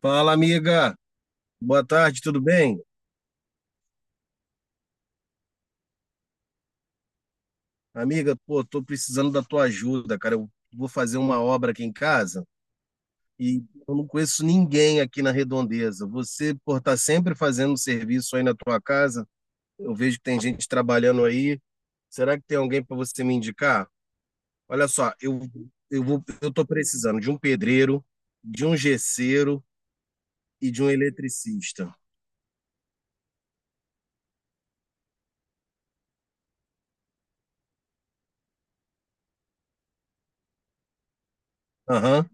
Fala, amiga. Boa tarde, tudo bem? Amiga, pô, tô precisando da tua ajuda, cara. Eu vou fazer uma obra aqui em casa e eu não conheço ninguém aqui na Redondeza. Você, por estar sempre fazendo serviço aí na tua casa, eu vejo que tem gente trabalhando aí. Será que tem alguém para você me indicar? Olha só, eu tô precisando de um pedreiro, de um gesseiro e de um eletricista. Aham.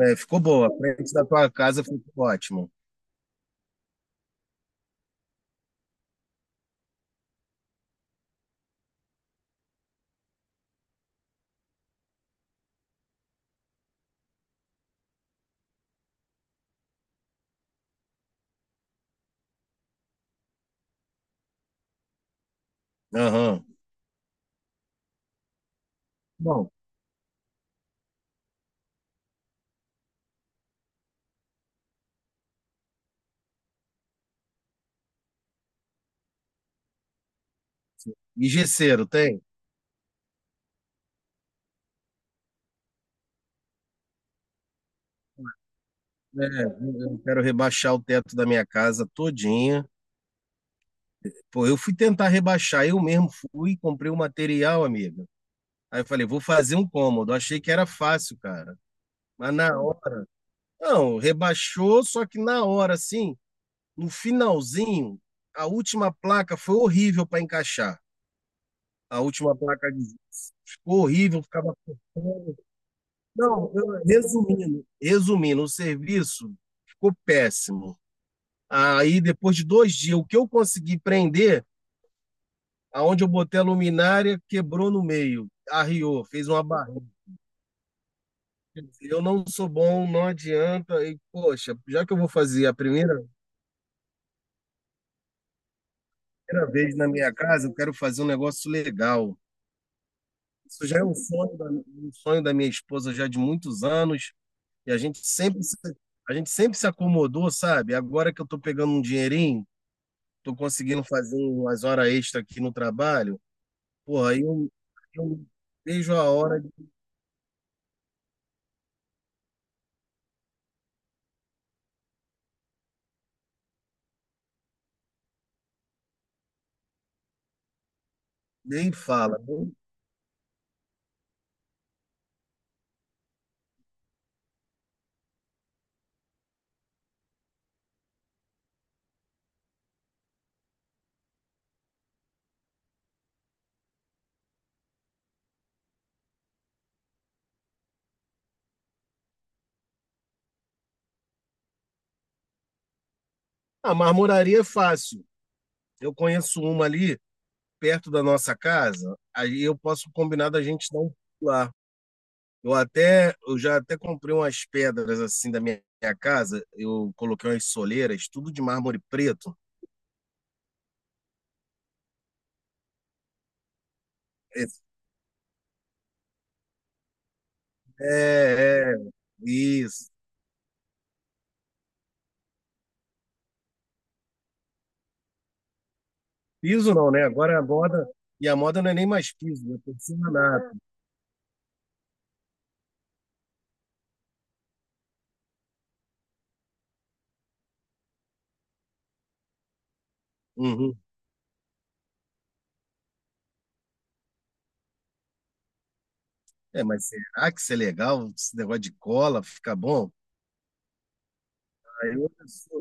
É, ficou boa. A frente da tua casa ficou ótimo. Aham. Bom. E gesseiro, tem? É, eu quero rebaixar o teto da minha casa todinha. Pô, eu fui tentar rebaixar, eu mesmo fui, comprei o material, amiga. Aí eu falei, vou fazer um cômodo. Achei que era fácil, cara. Mas na hora, não, rebaixou, só que na hora, assim, no finalzinho, a última placa foi horrível para encaixar. A última placa de ficou horrível, ficava. Não, resumindo, o serviço ficou péssimo. Aí, depois de 2 dias, o que eu consegui prender, aonde eu botei a luminária, quebrou no meio, arriou, fez uma barriga. Eu não sou bom, não adianta. E, poxa, já que eu vou fazer a primeira, primeira vez na minha casa, eu quero fazer um negócio legal. Isso já é um sonho um sonho da minha esposa já de muitos anos, e a gente sempre, a gente sempre se acomodou, sabe? Agora que eu tô pegando um dinheirinho, tô conseguindo fazer umas horas extra aqui no trabalho. Pô, aí eu vejo a hora, nem fala. A marmoraria é fácil. Eu conheço uma ali perto da nossa casa, aí eu posso combinar da gente dar um pulo lá. Eu até, eu já até comprei umas pedras assim da minha casa, eu coloquei umas soleiras, tudo de mármore preto. É, é, isso. Piso não, né? Agora a moda, a moda não é nem mais piso, é porcelanato. Uhum. É, mas será que isso é legal? Esse negócio de cola fica bom? Eu não sou,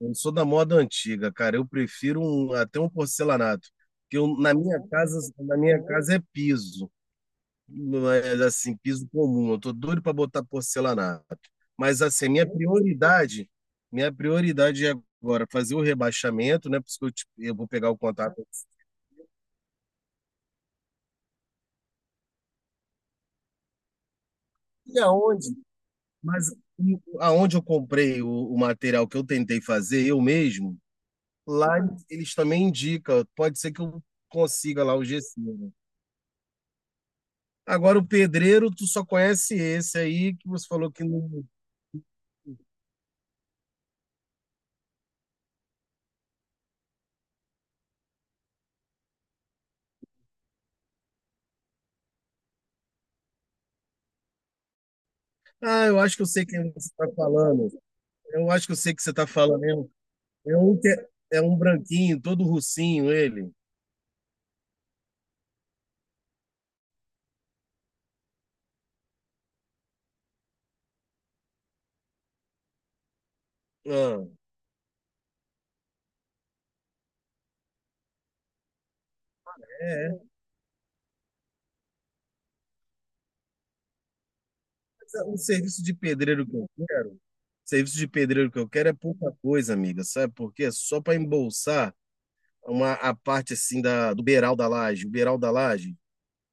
eu não sou da moda antiga, cara. Eu prefiro até um porcelanato. Na minha casa é piso. Não é assim, piso comum. Eu tô doido para botar porcelanato. Mas assim, minha prioridade é agora fazer o rebaixamento, né? Por isso que eu vou pegar o contato. E aonde? Mas e aonde eu comprei o material que eu tentei fazer eu mesmo, lá eles também indicam. Pode ser que eu consiga lá o gesso. Agora, o pedreiro, tu só conhece esse aí que você falou que não. Ah, eu acho que eu sei quem você está falando. Eu acho que eu sei que você está falando. É um, é um, que é- É um branquinho, todo russinho ele. Ah, é, é. O serviço de pedreiro que eu quero, serviço de pedreiro que eu quero é pouca coisa, amiga. Sabe por quê? Só para embolsar a parte assim do beiral da laje, o beiral da laje.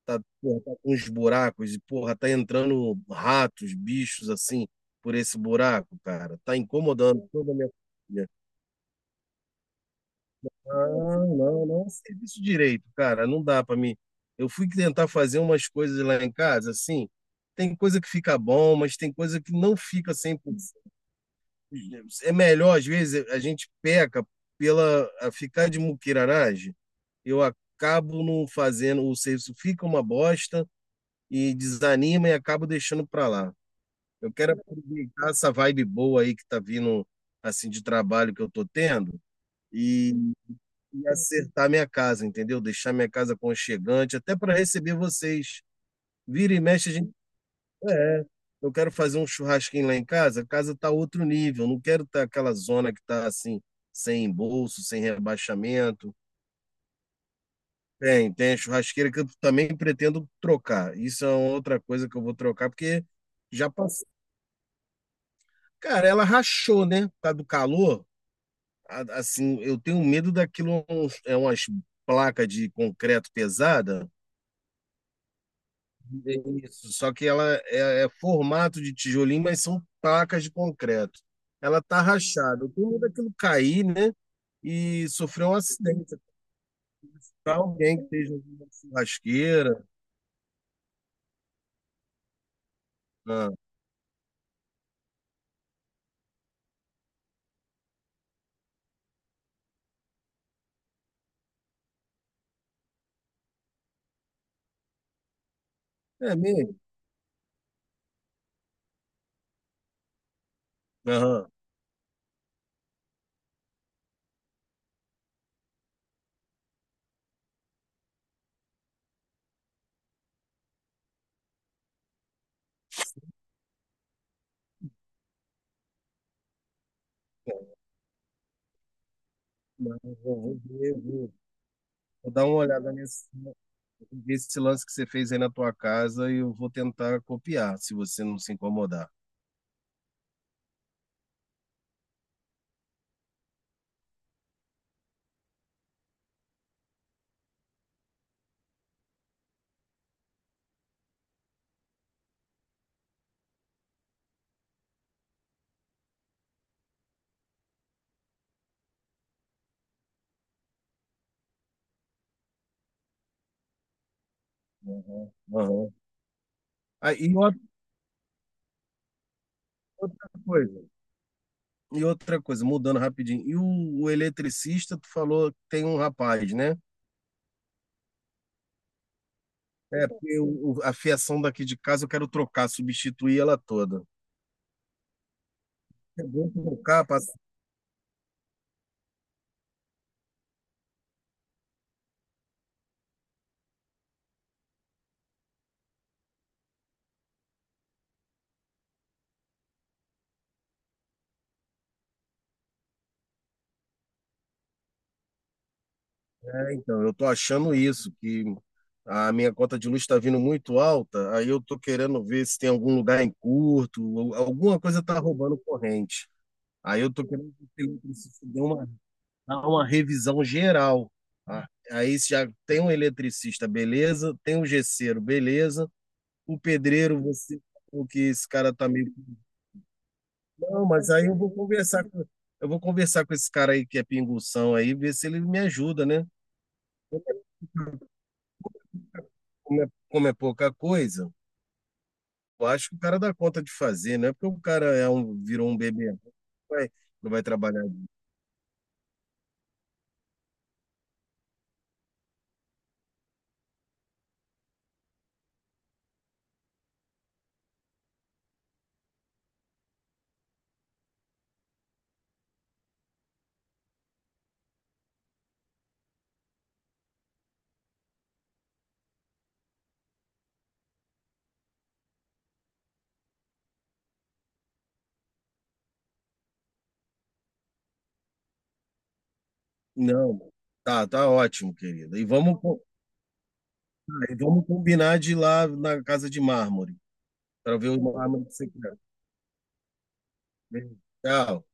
Tá, porra, tá com uns buracos e, porra, tá entrando ratos, bichos assim, por esse buraco, cara. Tá incomodando toda a minha família. Não, não, não, serviço direito, cara. Não dá pra mim. Eu fui tentar fazer umas coisas lá em casa, assim. Tem coisa que fica bom, mas tem coisa que não fica 100%. É melhor, às vezes, a gente peca pela a ficar de muquiraragem. Eu acabo não fazendo, o serviço fica uma bosta e desanima e acabo deixando para lá. Eu quero aproveitar essa vibe boa aí que tá vindo assim de trabalho que eu tô tendo e, e acertar minha casa, entendeu? Deixar minha casa aconchegante, até para receber vocês. Vira e mexe, a gente. É, é. Eu quero fazer um churrasquinho lá em casa, a casa tá outro nível, não quero estar aquela zona que tá assim, sem embolso, sem rebaixamento. Tem, tem a churrasqueira que eu também pretendo trocar. Isso é uma outra coisa que eu vou trocar, porque já passou. Cara, ela rachou, né? Por causa do calor. Assim, eu tenho medo daquilo, umas placas de concreto pesada. Isso. Só que ela é, é formato de tijolinho, mas são placas de concreto. Ela tá rachada. Eu tenho medo daquilo cair, né? E sofrer um acidente. Tá alguém que esteja na churrasqueira. Ah, é mesmo? Aham. Não, eu vou, ver, eu vou, vou dar uma olhada nesse. Esse lance que você fez aí na tua casa, eu vou tentar copiar, se você não se incomodar. Uhum, uhum. Ah, e outra coisa, e outra coisa, mudando rapidinho. E o eletricista, tu falou que tem um rapaz, né? É, porque a fiação daqui de casa eu quero trocar, substituir ela toda. É bom trocar, passa-. É, então, eu tô achando isso, que a minha conta de luz está vindo muito alta, aí eu tô querendo ver se tem algum lugar em curto, ou alguma coisa tá roubando corrente. Aí eu tô querendo ver o eletricista dê uma, dar uma revisão geral. Tá? Aí já tem um eletricista, beleza? Tem um gesseiro, beleza? O pedreiro, você falou que esse cara tá meio. Não, mas aí eu vou conversar com esse cara aí que é pinguição aí, ver se ele me ajuda, né? Como é pouca coisa, eu acho que o cara dá conta de fazer, não é porque o cara é um, virou um bebê, não vai, não vai trabalhar. Não, tá ótimo, querida. E vamos, ah, e vamos combinar de ir lá na Casa de Mármore, para ver o mármore que você quer. Tchau.